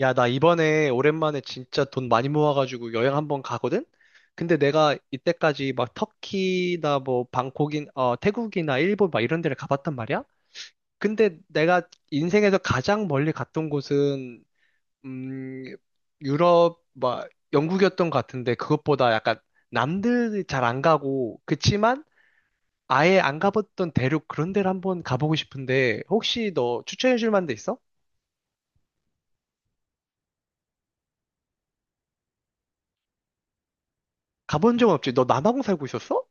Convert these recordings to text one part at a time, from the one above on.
야, 나 이번에 오랜만에 진짜 돈 많이 모아가지고 여행 한 번 가거든? 근데 내가 이때까지 막 터키나 뭐 방콕인, 태국이나 일본 막 이런 데를 가봤단 말이야? 근데 내가 인생에서 가장 멀리 갔던 곳은, 음, 유럽, 막 영국이었던 것 같은데 그것보다 약간 남들 잘 안 가고, 그치만 아예 안 가봤던 대륙 그런 데를 한번 가보고 싶은데 혹시 너 추천해줄 만한 데 있어? 가본 적은 없지? 너 남아공 살고 있었어?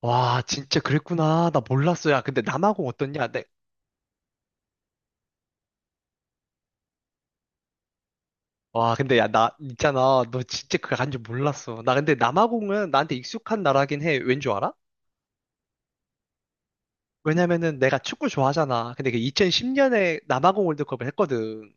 와, 진짜 그랬구나. 나 몰랐어. 야, 근데 남아공 어떻냐? 내, 와, 근데 야, 나, 있잖아. 너 진짜 그거 간줄 몰랐어. 나 근데 남아공은 나한테 익숙한 나라긴 해. 왠 줄 알아? 왜냐면은 내가 축구 좋아하잖아. 근데 그 2010년에 남아공 월드컵을 했거든.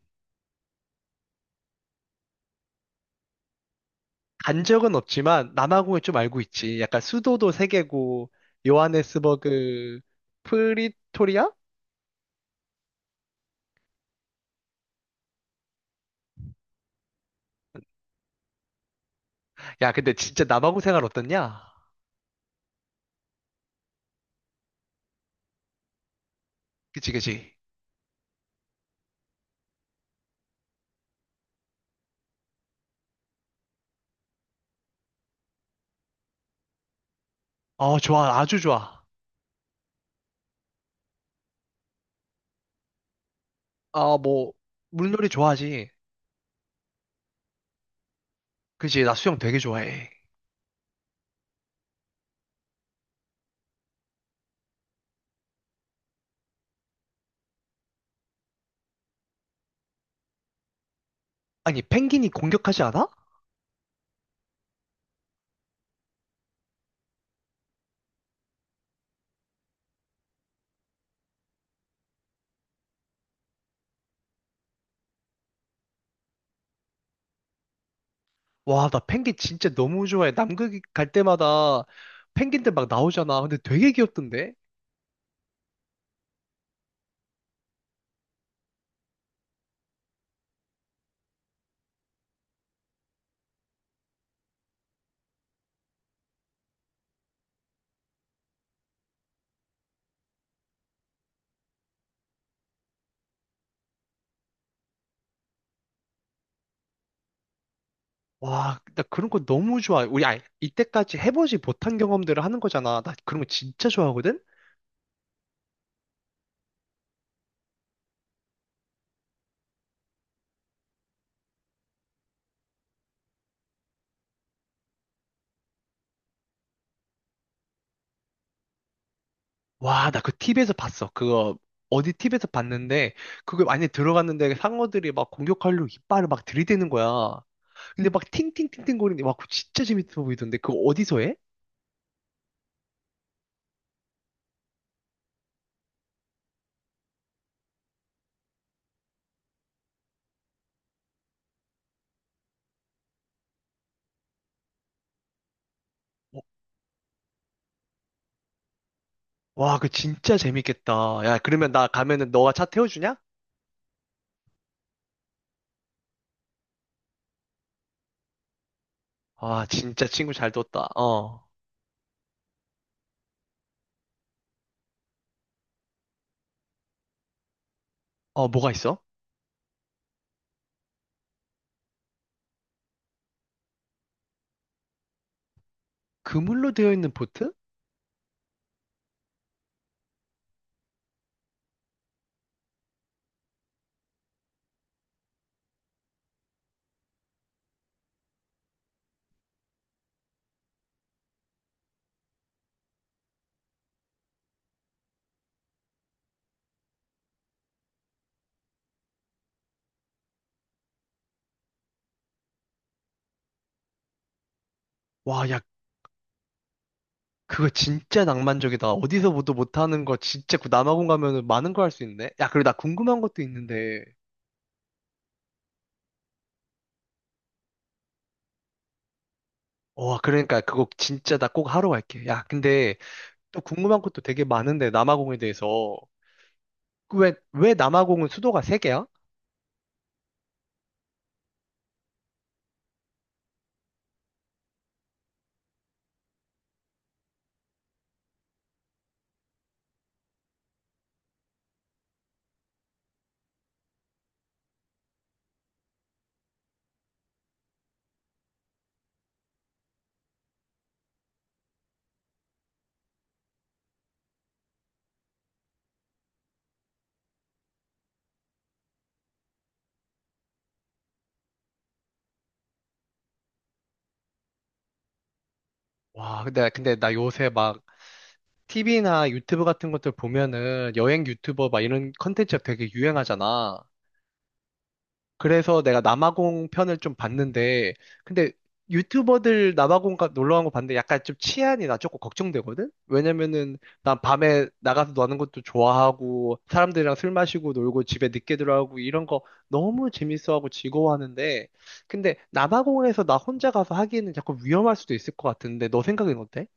간 적은 없지만 남아공을 좀 알고 있지. 약간 수도도 세 개고, 요하네스버그, 프리토리아? 야, 근데 진짜 남아공 생활 어떻냐? 그치, 그치. 어, 좋아. 아주 좋아. 아, 뭐, 물놀이 좋아하지. 그지, 나 수영 되게 좋아해. 아니, 펭귄이 공격하지 않아? 와, 나 펭귄 진짜 너무 좋아해. 남극 갈 때마다 펭귄들 막 나오잖아. 근데 되게 귀엽던데? 와, 나 그런 거 너무 좋아해. 우리, 아, 이때까지 해보지 못한 경험들을 하는 거잖아. 나 그런 거 진짜 좋아하거든? 와, 나 그 TV에서 봤어. 그거, 어디 TV에서 봤는데, 그거 많이 들어갔는데 상어들이 막 공격하려고 이빨을 막 들이대는 거야. 근데 막 팅팅팅팅 거리는데, 와, 그거 진짜 재밌어 보이던데? 그거 어디서 해? 와, 그 진짜 재밌겠다. 야, 그러면 나 가면은 너가 차 태워주냐? 와, 진짜 친구 잘 뒀다. 어. 어, 뭐가 있어? 그물로 되어 있는 보트? 와, 야, 그거 진짜 낭만적이다. 어디서 보도 못하는 거 진짜 그 남아공 가면은 많은 거 할 수 있네. 야, 그리고 나 궁금한 것도 있는데. 와, 그러니까 그거 진짜 나 꼭 하러 갈게. 야, 근데 또 궁금한 것도 되게 많은데 남아공에 대해서 그 왜 남아공은 수도가 세 개야? 와 근데 나 요새 막 TV나 유튜브 같은 것들 보면은 여행 유튜버 막 이런 컨텐츠가 되게 유행하잖아. 그래서 내가 남아공 편을 좀 봤는데, 근데 유튜버들 놀러 간 거 봤는데 약간 좀 치안이 나 조금 걱정되거든? 왜냐면은 난 밤에 나가서 노는 것도 좋아하고, 사람들이랑 술 마시고 놀고 집에 늦게 들어가고 이런 거 너무 재밌어하고 즐거워하는데, 근데 남아공에서 나 혼자 가서 하기에는 약간 위험할 수도 있을 것 같은데, 너 생각은 어때?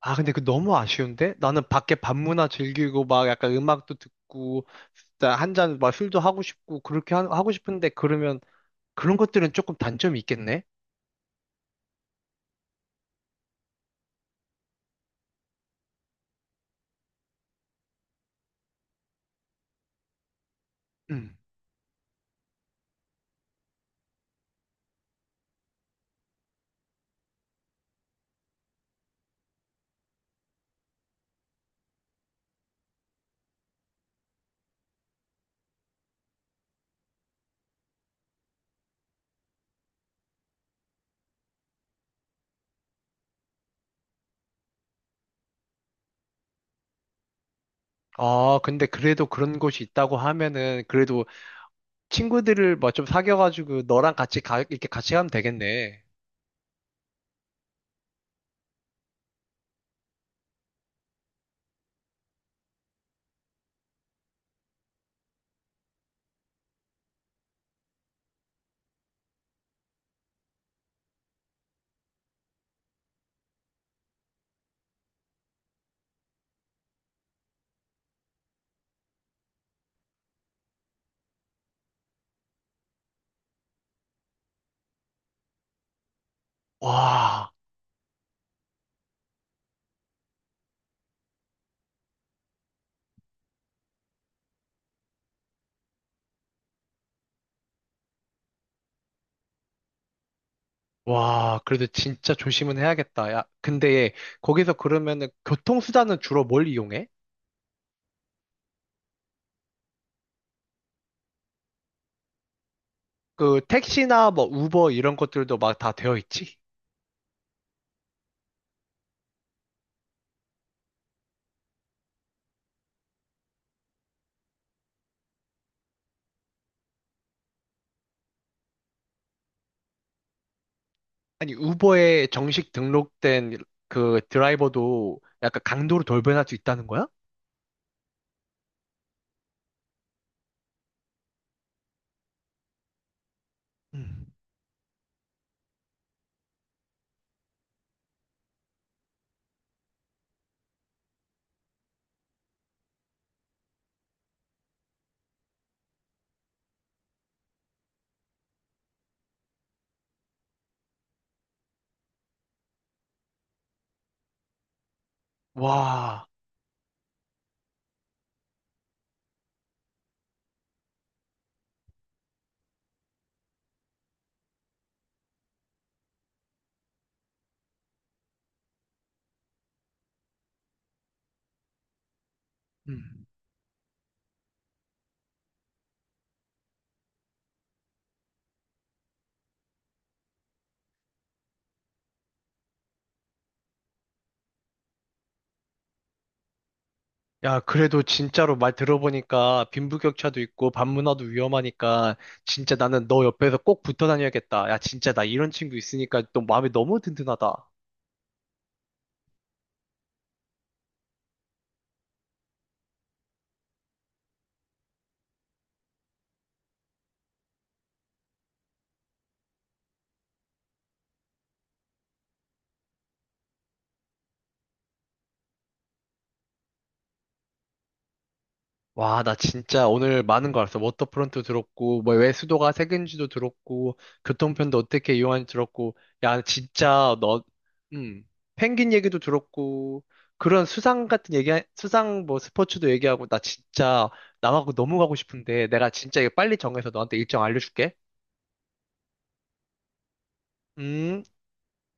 아, 근데 그 너무 아쉬운데? 나는 밖에 밤문화 즐기고 막 약간 음악도 듣고 진짜 한잔막 술도 하고 싶고 그렇게 하고 싶은데 그러면 그런 것들은 조금 단점이 있겠네? 음. 아, 근데 그래도 그런 곳이 있다고 하면은 그래도 친구들을 막 좀 사귀어가지고 너랑 같이 가, 이렇게 같이 가면 되겠네. 와, 와, 그래도 진짜 조심은 해야겠다. 야, 근데 거기서 그러면은 교통수단은 주로 뭘 이용해? 그 택시나 뭐 우버 이런 것들도 막 다 되어 있지? 아니, 우버에 정식 등록된 그 드라이버도 약간 강도로 돌변할 수 있다는 거야? 음, 와, 음, 야, 그래도 진짜로 말 들어보니까 빈부격차도 있고 반문화도 위험하니까 진짜 나는 너 옆에서 꼭 붙어 다녀야겠다. 야, 진짜 나 이런 친구 있으니까 또 마음이 너무 든든하다. 와, 나 진짜 오늘 많은 거 알았어. 워터프론트 들었고, 뭐, 왜 수도가 색인지도 들었고, 교통편도 어떻게 이용하는지 들었고, 야, 진짜 너, 음, 펭귄 얘기도 들었고, 그런 수상 같은 얘기, 수상 뭐 스포츠도 얘기하고, 나 진짜 남하고 너무 가고 싶은데, 내가 진짜 이거 빨리 정해서 너한테 일정 알려줄게. 음.